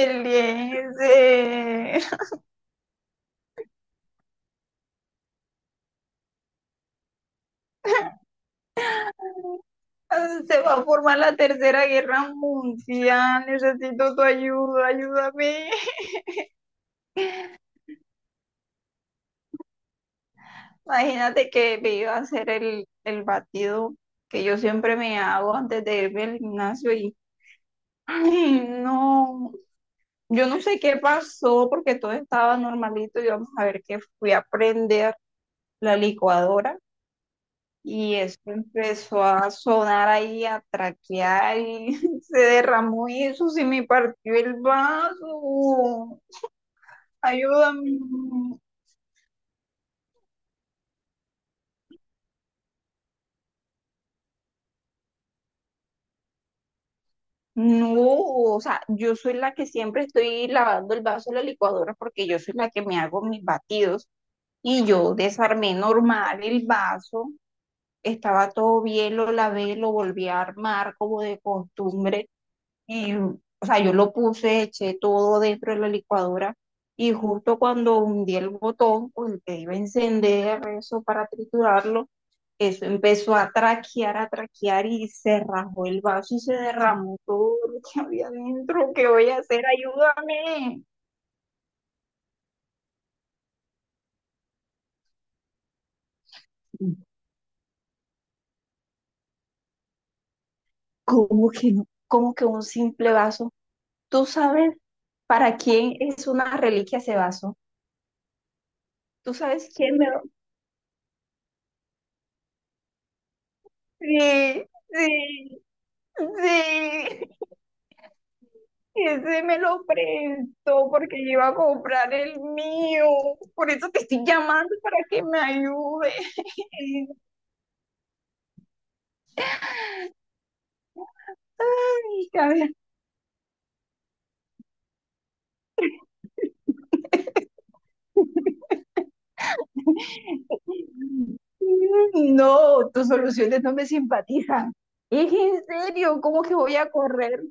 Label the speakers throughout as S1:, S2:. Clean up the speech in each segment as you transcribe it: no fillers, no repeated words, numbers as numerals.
S1: Eliezer, se va a formar la tercera guerra mundial, necesito tu ayuda, ayúdame. Imagínate que me iba a hacer el batido que yo siempre me hago antes de irme al gimnasio y, ay, no, yo no sé qué pasó porque todo estaba normalito y vamos a ver qué fui a prender la licuadora. Y eso empezó a sonar ahí, a traquear y se derramó y eso se me partió el vaso. Ayúdame. No, o sea, yo soy la que siempre estoy lavando el vaso de la licuadora porque yo soy la que me hago mis batidos y yo desarmé normal el vaso. Estaba todo bien, lo lavé, lo volví a armar como de costumbre. Y, o sea, yo lo puse, eché todo dentro de la licuadora y justo cuando hundí el botón con el que iba a encender eso para triturarlo, eso empezó a traquear y se rajó el vaso y se derramó todo lo que había dentro. ¿Qué voy a hacer? Ayúdame. ¿Cómo que no? ¿Cómo que un simple vaso? ¿Tú sabes para quién es una reliquia ese vaso? ¿Tú sabes quién me lo... Sí, sí, sí. Ese me lo prestó porque yo iba a comprar el mío. Por eso te estoy llamando para que me ayudes. Ay, cabeza. No, tus soluciones no me simpatizan. Es en serio, ¿cómo que voy a correr?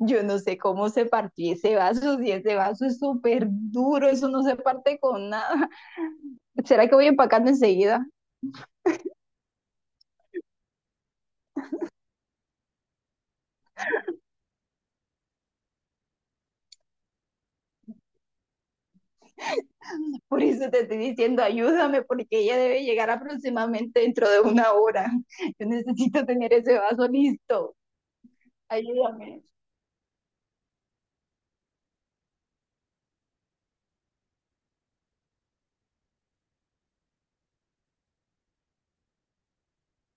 S1: Yo no sé cómo se partió ese vaso, si ese vaso es súper duro, eso no se parte con nada. ¿Será que voy empacando enseguida? Por eso te estoy diciendo, ayúdame, porque ella debe llegar aproximadamente dentro de una hora. Yo necesito tener ese vaso listo. Ayúdame.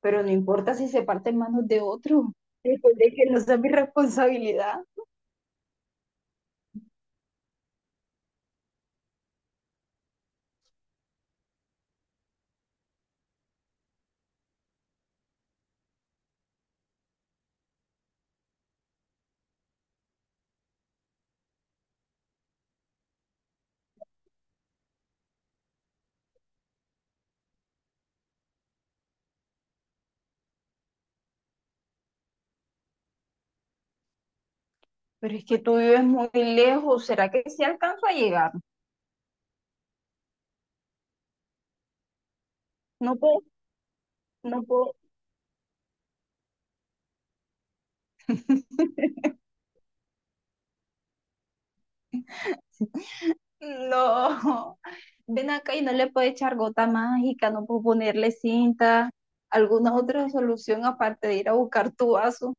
S1: Pero no importa si se parte en manos de otro. Después de que no sea mi responsabilidad. Pero es que tú vives muy lejos. ¿Será que sí alcanzo a llegar? No puedo, no puedo. No. Ven acá y no le puedo echar gota mágica, no puedo ponerle cinta, alguna otra solución aparte de ir a buscar tu vaso.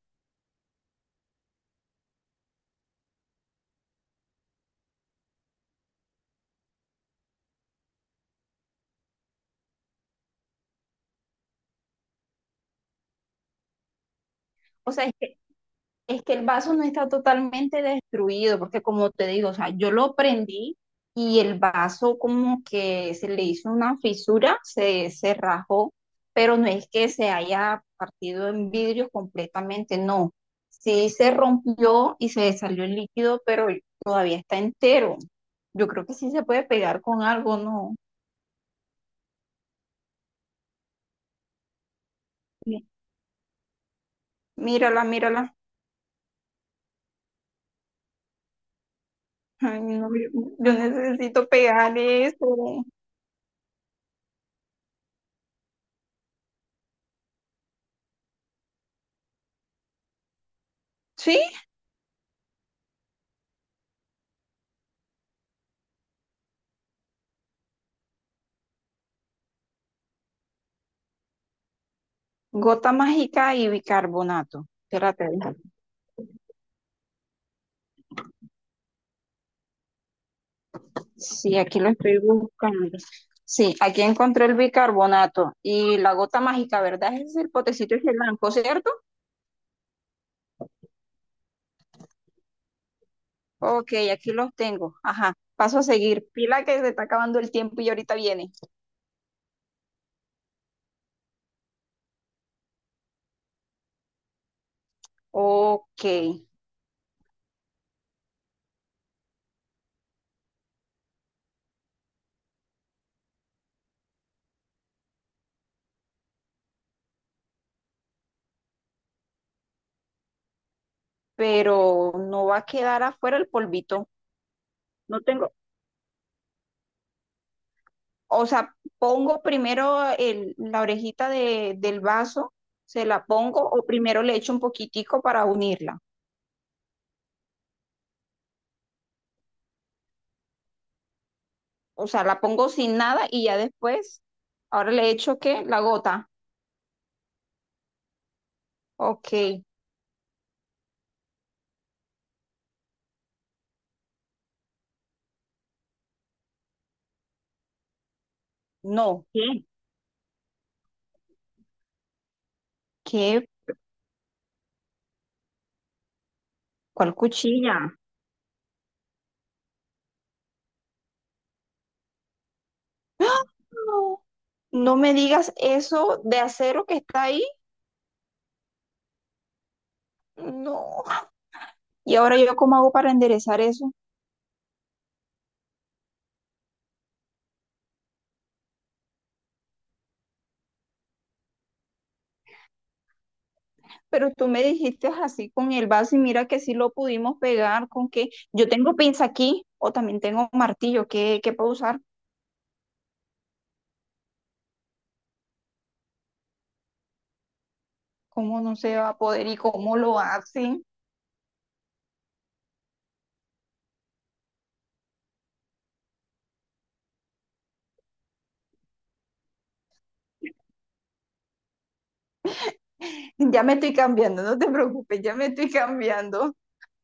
S1: O sea, es que es que el vaso no está totalmente destruido, porque como te digo, o sea, yo lo prendí y el vaso como que se le hizo una fisura, se rajó, pero no es que se haya partido en vidrio completamente, no. Sí se rompió y se salió el líquido, pero todavía está entero. Yo creo que sí se puede pegar con algo, ¿no? Mi- Mírala, mírala. Ay, no, yo necesito pegar eso. Gota mágica y bicarbonato. Espérate, sí, aquí lo estoy buscando. Sí, aquí encontré el bicarbonato y la gota mágica, ¿verdad? Ese es el potecito y el blanco, ¿cierto? Ok, aquí los tengo. Ajá, paso a seguir. Pila que se está acabando el tiempo y ahorita viene. Ok, pero no va a quedar afuera el polvito. No tengo, o sea, pongo primero la orejita del vaso, se la pongo o primero le echo un poquitico para unirla. O sea, la pongo sin nada y ya después, ahora le echo qué, la gota. Ok, no. ¿Qué? ¿Qué? ¿Cuál cuchilla? No, no me digas eso de acero que está ahí. No. ¿Y ahora yo cómo hago para enderezar eso? Pero tú me dijiste así con el vaso y mira que sí lo pudimos pegar con que yo tengo pinza aquí o también tengo martillo. Qué puedo usar? ¿Cómo no se va a poder y cómo lo hacen? Ya me estoy cambiando, no te preocupes, ya me estoy cambiando.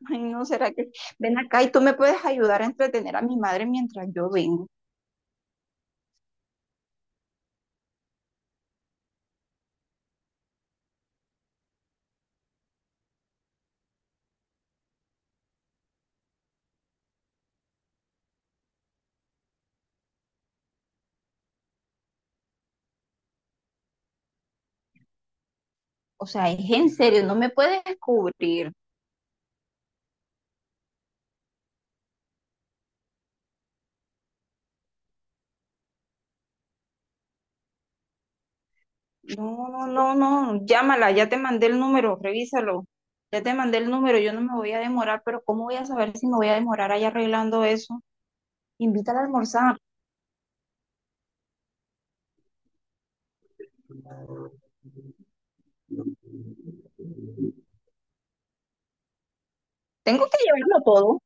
S1: Ay, no, será que ven acá y tú me puedes ayudar a entretener a mi madre mientras yo vengo. O sea, es en serio, no me puedes cubrir. No, no, no, no, llámala, ya te mandé el número, revísalo. Ya te mandé el número, yo no me voy a demorar, pero ¿cómo voy a saber si me voy a demorar ahí arreglando eso? Invítala a almorzar. Tengo que llevarlo todo.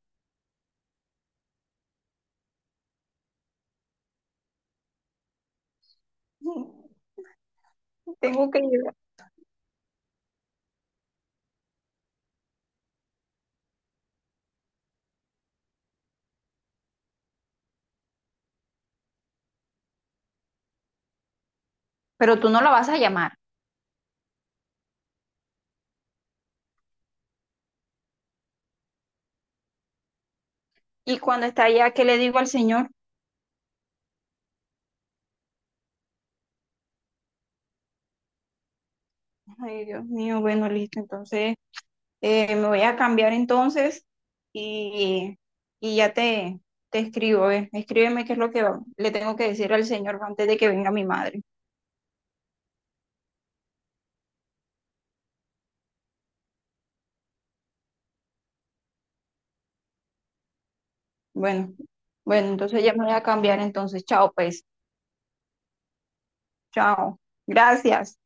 S1: Tengo que llevar. Pero tú no la vas a llamar. Y cuando está allá, ¿qué le digo al señor? Ay, Dios mío, bueno, listo, entonces. Me voy a cambiar entonces y, y ya te escribo. Escríbeme qué es lo que le tengo que decir al señor antes de que venga mi madre. Bueno, bueno, entonces ya me voy a cambiar entonces. Chao, pues. Chao. Gracias.